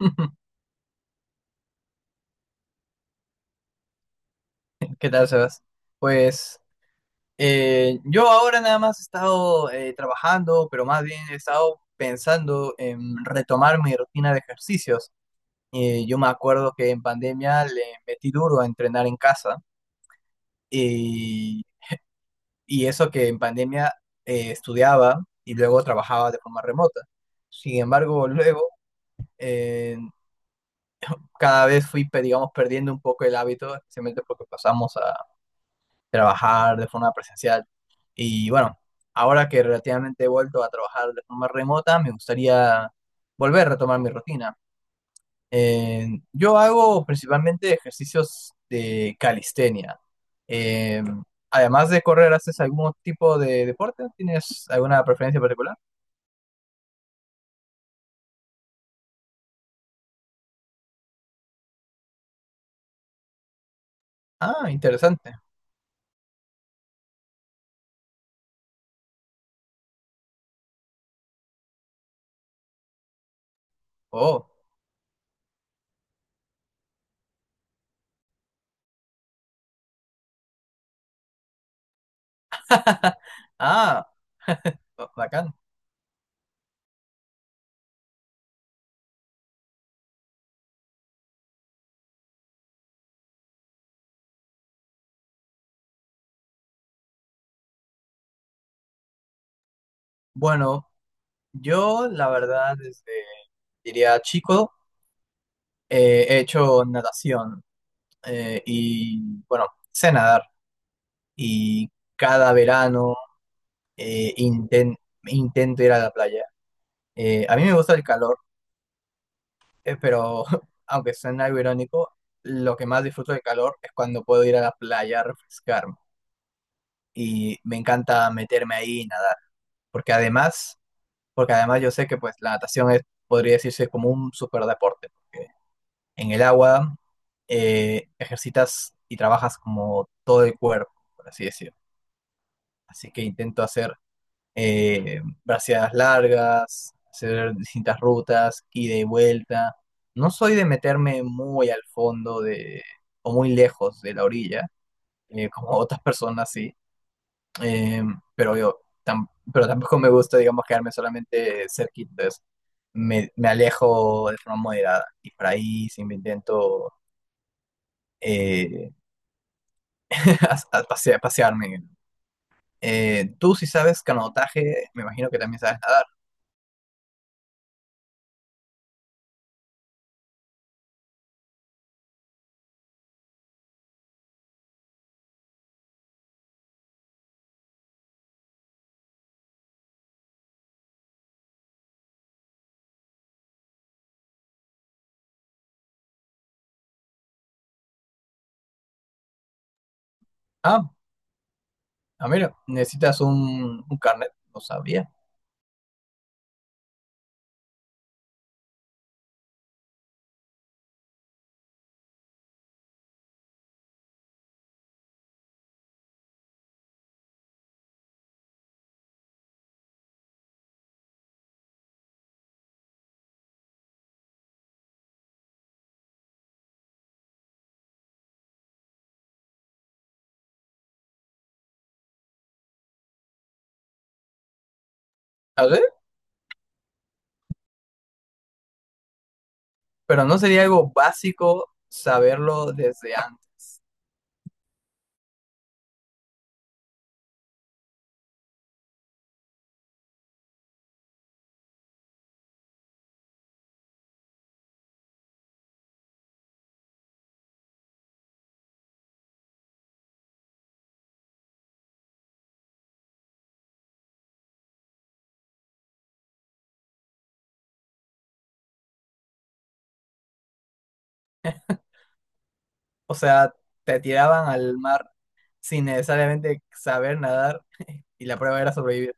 ¿Qué tal, Sebas? Pues yo ahora nada más he estado trabajando, pero más bien he estado pensando en retomar mi rutina de ejercicios. Yo me acuerdo que en pandemia le metí duro a entrenar en casa y, y eso que en pandemia estudiaba y luego trabajaba de forma remota. Sin embargo, luego eh, cada vez digamos, perdiendo un poco el hábito, especialmente porque pasamos trabajar de forma presencial. Y bueno, ahora que relativamente he vuelto a trabajar de forma remota, me gustaría volver a retomar mi rutina. Eh, yo hago principalmente ejercicios de calistenia. Eh, Además de correr, ¿haces algún tipo de deporte? ¿Tienes alguna preferencia particular? Ah, interesante. Oh, ah, oh, bacán. Bueno, yo la verdad diría chico, he hecho natación. Y bueno, sé nadar y cada verano eh, inten- intento ir a la playa. A mí me gusta el calor, pero aunque suene algo irónico, lo que más disfruto del calor es cuando puedo ir a la playa a refrescarme y me encanta meterme ahí y nadar, porque porque además yo sé que pues la natación es, podría decirse como un superdeporte, porque en el agua ejercitas y trabajas como todo el cuerpo, por así decirlo. Así que intento hacer braseadas largas, hacer distintas rutas, ida y vuelta. No soy de meterme muy al fondo de, o muy lejos de la orilla, como otras personas sí. Eh, pero yo tam- pero tampoco me gusta, digamos, quedarme solamente cerquita, entonces me alejo de forma moderada y por ahí sí me intento eh, pasearme. Tú si sabes canotaje, me imagino que también sabes nadar. Ah. Ah, mira, necesitas un carnet, no sabía. A ver, pero no sería algo básico saberlo desde antes. O sea, te tiraban al mar sin necesariamente saber nadar y la prueba era sobrevivir.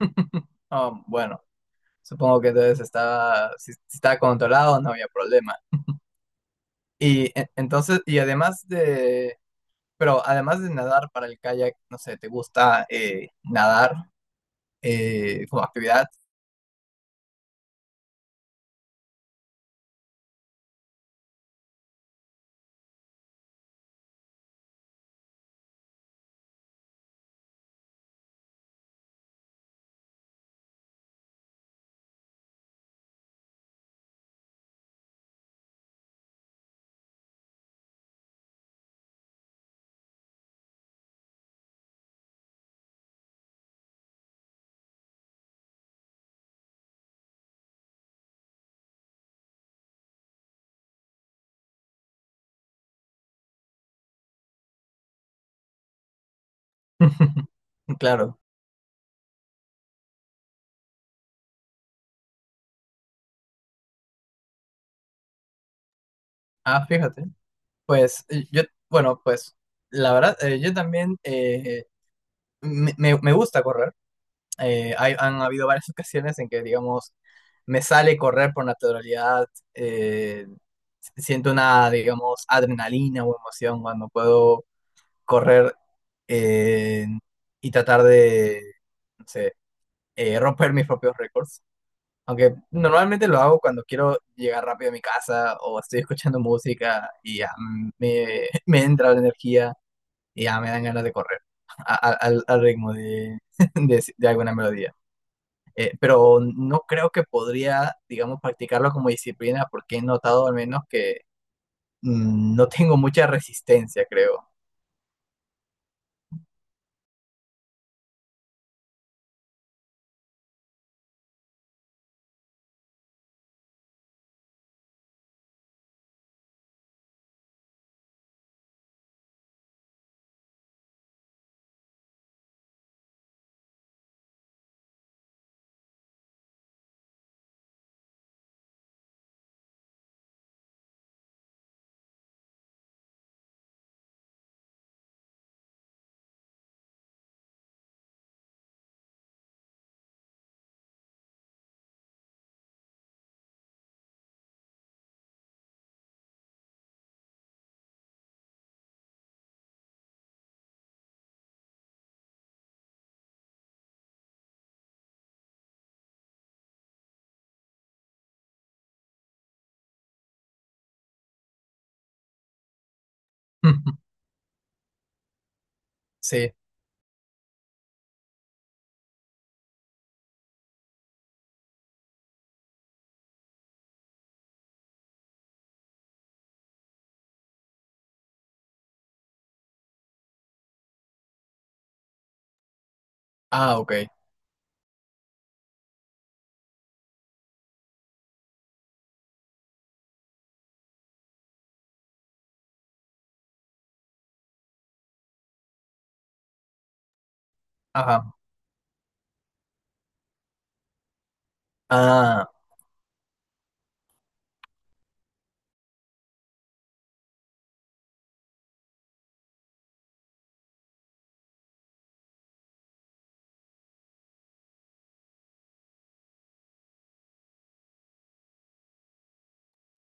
Ah, bueno, supongo que entonces estaba, si estaba controlado no había problema. Entonces, pero además de nadar para el kayak, no sé, ¿te gusta nadar como actividad? Claro. Ah, fíjate. Pues bueno, pues la verdad, yo también me, me- me gusta correr. Han habido varias ocasiones en que, digamos, me sale correr por naturalidad. eh, Siento una, digamos, adrenalina o emoción cuando puedo correr eh, y tratar de, no sé, romper mis propios récords. Aunque normalmente lo hago cuando quiero llegar rápido a mi casa o estoy escuchando música y ya, me entra la energía y ya me dan ganas de correr al ritmo de, de alguna melodía. Pero no creo que podría, digamos, practicarlo como disciplina porque he notado al menos que no tengo mucha resistencia, creo. Sí. Ah, ok. Ajá. Ah,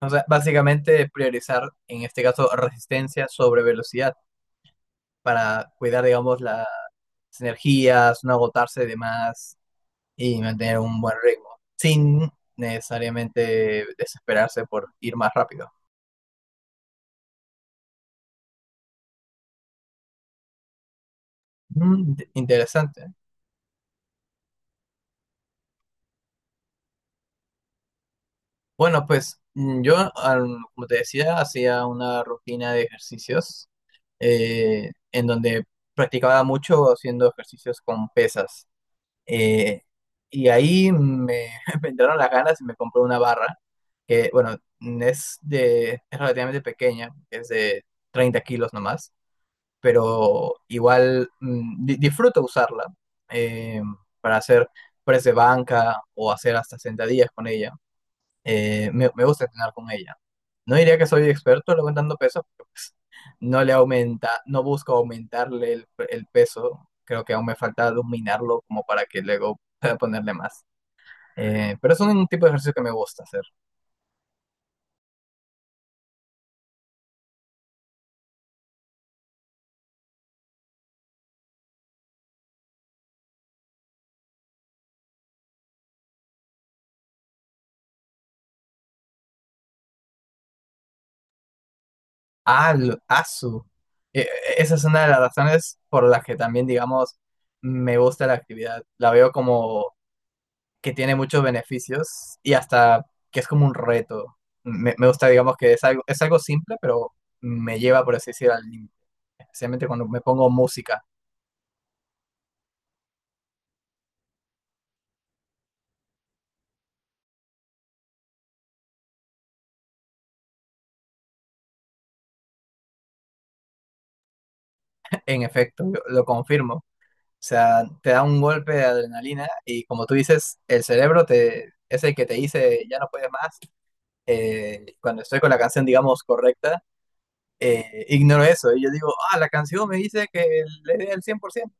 o sea, básicamente priorizar, en este caso, resistencia sobre velocidad para cuidar, digamos, las energías, no agotarse de más. Y mantener un buen ritmo, sin necesariamente desesperarse por ir más rápido. Interesante. Bueno, pues como te decía, hacía una rutina de ejercicios en donde practicaba mucho haciendo ejercicios con pesas. Eh, y ahí me entraron las ganas y me compré una barra que, bueno, es relativamente pequeña, es de 30 kilos nomás, pero igual disfruto usarla eh, para hacer press de banca o hacer hasta sentadillas con ella. Me gusta entrenar con ella. No diría que soy experto levantando peso, pero pues, no busco aumentarle el peso. Creo que aún me falta dominarlo como para que luego pueda ponerle más. Pero es un tipo de ejercicio que me gusta hacer. Ah, lo- asu. E- e, Esa es una de las razones por las que también, digamos, me gusta la actividad. La veo como que tiene muchos beneficios y hasta que es como un reto. Me gusta, digamos, que es algo simple, pero me lleva, por así decir, al límite. Especialmente cuando me pongo música. En efecto, yo lo confirmo. O sea, te da un golpe de adrenalina y como tú dices, es el que te dice, ya no puedes más. Cuando estoy con la canción, digamos, correcta ignoro eso. Y yo digo, ah, la canción me dice que le dé el 100%.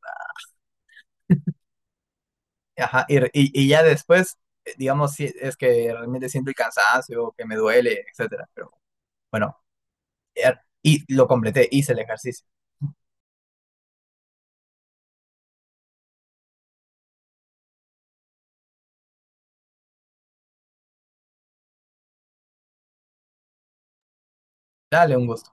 Y ya después, digamos, si es que realmente siento el cansancio, que me duele, etcétera. Pero bueno, y lo completé, hice el ejercicio. Dale un gusto.